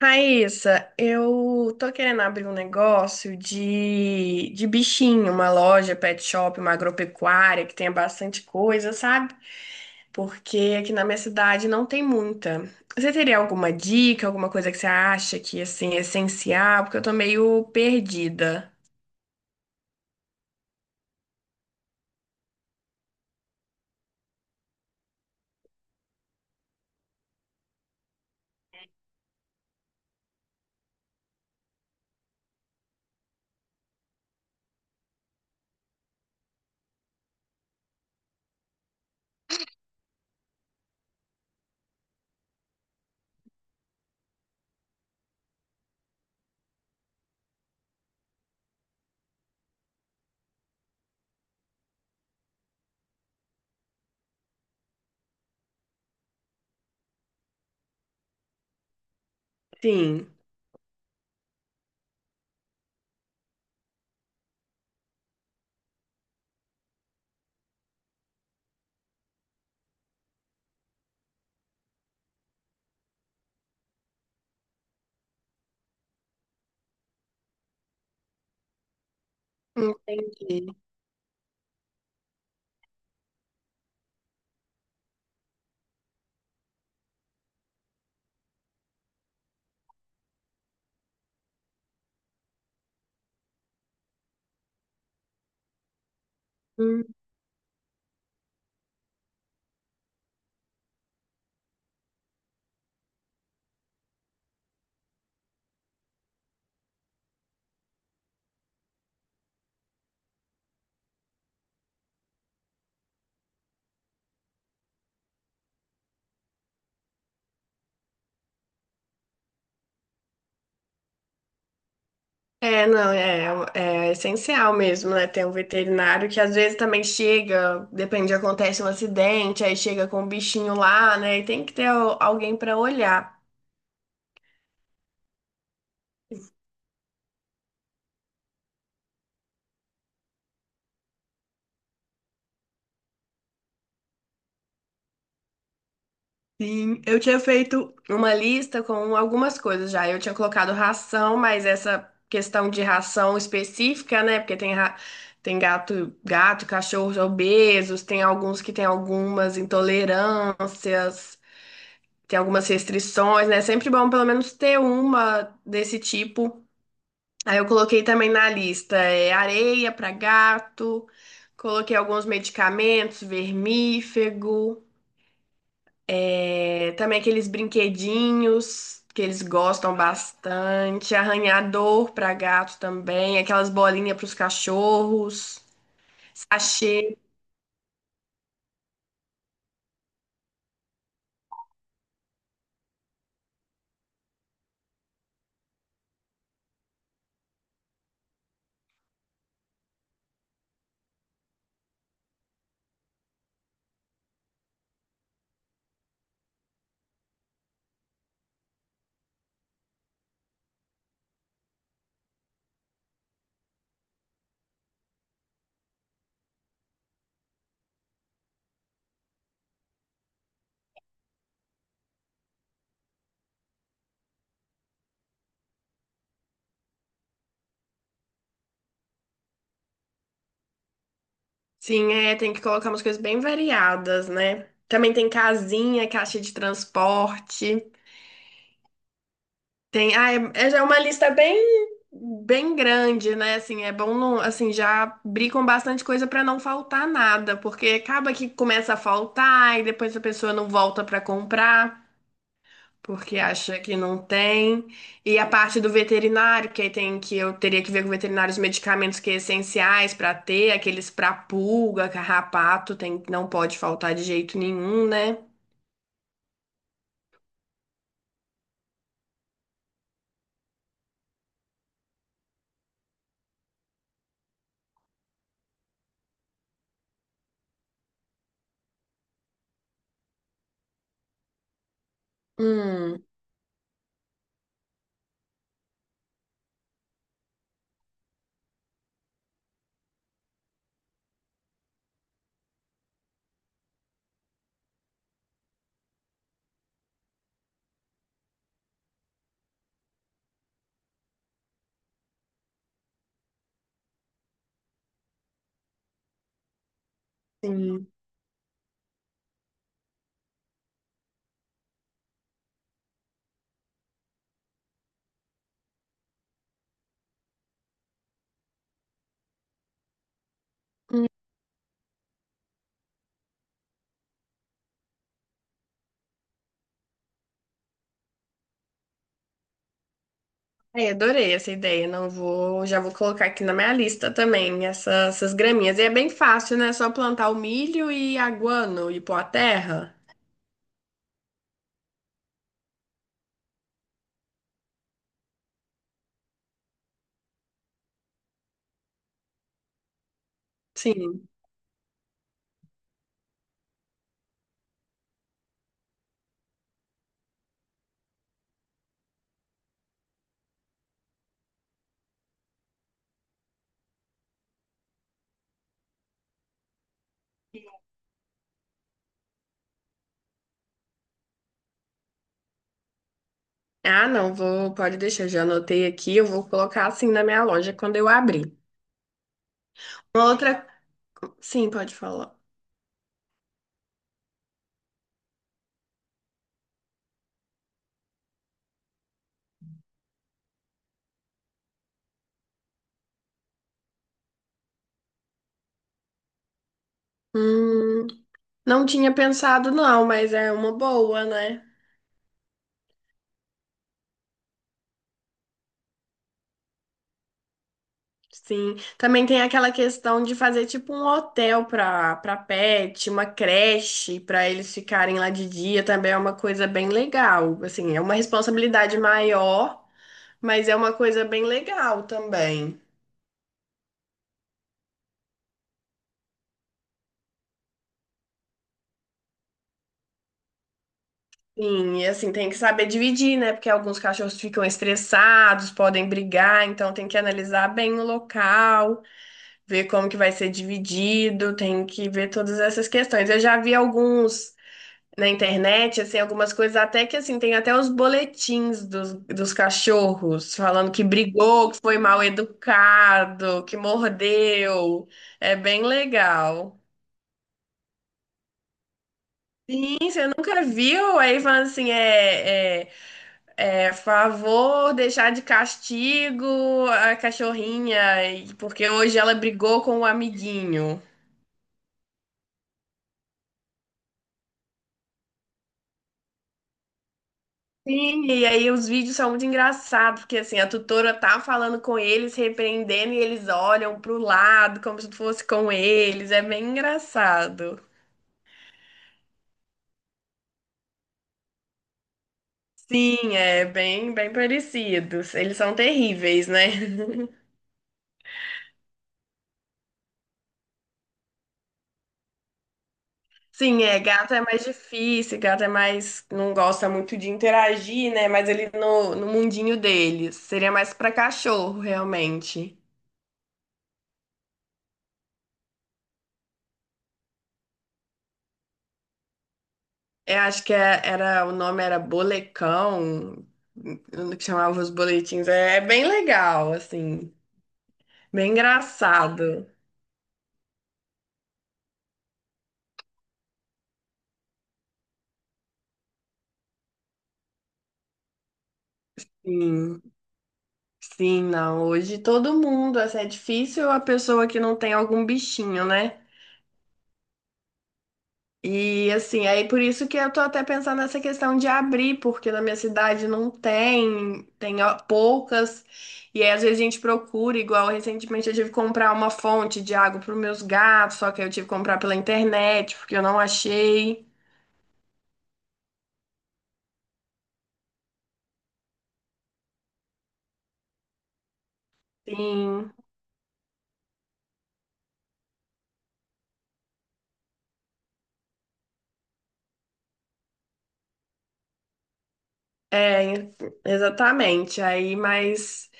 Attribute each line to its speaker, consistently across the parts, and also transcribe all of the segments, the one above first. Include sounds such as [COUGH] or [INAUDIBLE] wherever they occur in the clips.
Speaker 1: Raíssa, eu tô querendo abrir um negócio de bichinho, uma loja, pet shop, uma agropecuária que tenha bastante coisa, sabe? Porque aqui na minha cidade não tem muita. Você teria alguma dica, alguma coisa que você acha que assim é essencial? Porque eu tô meio perdida. Sim. Entendi. É, não, é, é essencial mesmo, né? Ter um veterinário que às vezes também chega, depende, acontece um acidente, aí chega com o bichinho lá, né? E tem que ter alguém para olhar. Sim, eu tinha feito uma lista com algumas coisas já. Eu tinha colocado ração, mas essa questão de ração específica, né? Porque tem, tem gato, gato, cachorros obesos, tem alguns que têm algumas intolerâncias. Tem algumas restrições, né? É sempre bom pelo menos ter uma desse tipo. Aí eu coloquei também na lista areia para gato, coloquei alguns medicamentos, vermífugo, é, também aqueles brinquedinhos que eles gostam bastante, arranhador para gato também, aquelas bolinhas para os cachorros, sachê. Sim, é, tem que colocar umas coisas bem variadas, né? Também tem casinha, caixa de transporte. Tem, ah, é, é já é uma lista bem grande, né? Assim, é bom não, assim, já abrir com bastante coisa para não faltar nada, porque acaba que começa a faltar e depois a pessoa não volta para comprar. Porque acha que não tem. E a parte do veterinário, que aí tem que eu teria que ver com o veterinário os medicamentos que é essenciais para ter, aqueles para pulga, carrapato, tem, não pode faltar de jeito nenhum, né? Hum, sim. Ai, adorei essa ideia. Não vou, já vou colocar aqui na minha lista também essas graminhas. E é bem fácil, né? É só plantar o milho e a guano e pôr a terra. Sim. Ah, não, vou, pode deixar, já anotei aqui. Eu vou colocar assim na minha loja quando eu abrir. Uma outra, sim, pode falar. Hum, não tinha pensado não, mas é uma boa, né? Sim, também tem aquela questão de fazer tipo um hotel para pet, uma creche para eles ficarem lá de dia, também é uma coisa bem legal. Assim, é uma responsabilidade maior, mas é uma coisa bem legal também. Sim, e assim, tem que saber dividir, né? Porque alguns cachorros ficam estressados, podem brigar, então tem que analisar bem o local, ver como que vai ser dividido, tem que ver todas essas questões. Eu já vi alguns na internet, assim, algumas coisas, até que, assim, tem até os boletins dos cachorros, falando que brigou, que foi mal educado, que mordeu. É bem legal. Sim, você nunca viu? Aí falando assim, é favor deixar de castigo a cachorrinha, porque hoje ela brigou com o amiguinho. Sim, e aí os vídeos são muito engraçados, porque assim, a tutora tá falando com eles, repreendendo, e eles olham pro lado como se fosse com eles. É bem engraçado. Sim, é bem, bem parecidos. Eles são terríveis, né? [LAUGHS] Sim, é, gato é mais difícil, gato é mais, não gosta muito de interagir, né? Mas ele no mundinho deles. Seria mais pra cachorro, realmente. Eu acho que era, o nome era Bolecão, no que chamava os boletins. É, é bem legal, assim, bem engraçado. Sim, sim, não. Hoje todo mundo, assim, é difícil a pessoa que não tem algum bichinho, né? E assim, aí por isso que eu tô até pensando nessa questão de abrir, porque na minha cidade não tem, tem ó, poucas, e aí às vezes a gente procura, igual recentemente eu tive que comprar uma fonte de água para os meus gatos, só que aí eu tive que comprar pela internet, porque eu não achei. Sim. É, exatamente. Aí, mas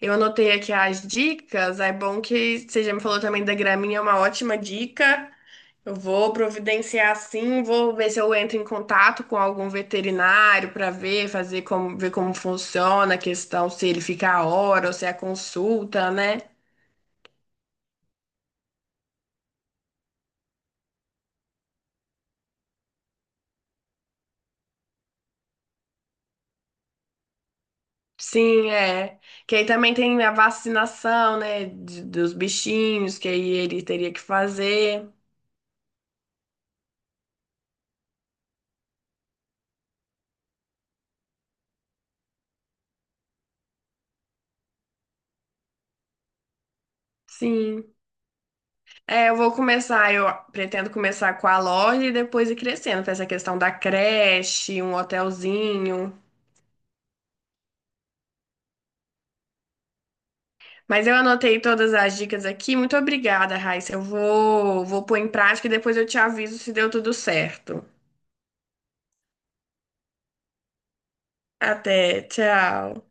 Speaker 1: eu anotei aqui as dicas. É bom que você já me falou também da graminha, é uma ótima dica. Eu vou providenciar sim, vou ver se eu entro em contato com algum veterinário para ver, fazer como, ver como funciona a questão, se ele fica a hora ou se é a consulta, né? Sim, é. Que aí também tem a vacinação, né, dos bichinhos, que aí ele teria que fazer. Sim. É, eu vou começar, eu pretendo começar com a loja e depois ir crescendo para essa questão da creche, um hotelzinho. Mas eu anotei todas as dicas aqui. Muito obrigada, Raíssa. Vou pôr em prática e depois eu te aviso se deu tudo certo. Até, tchau.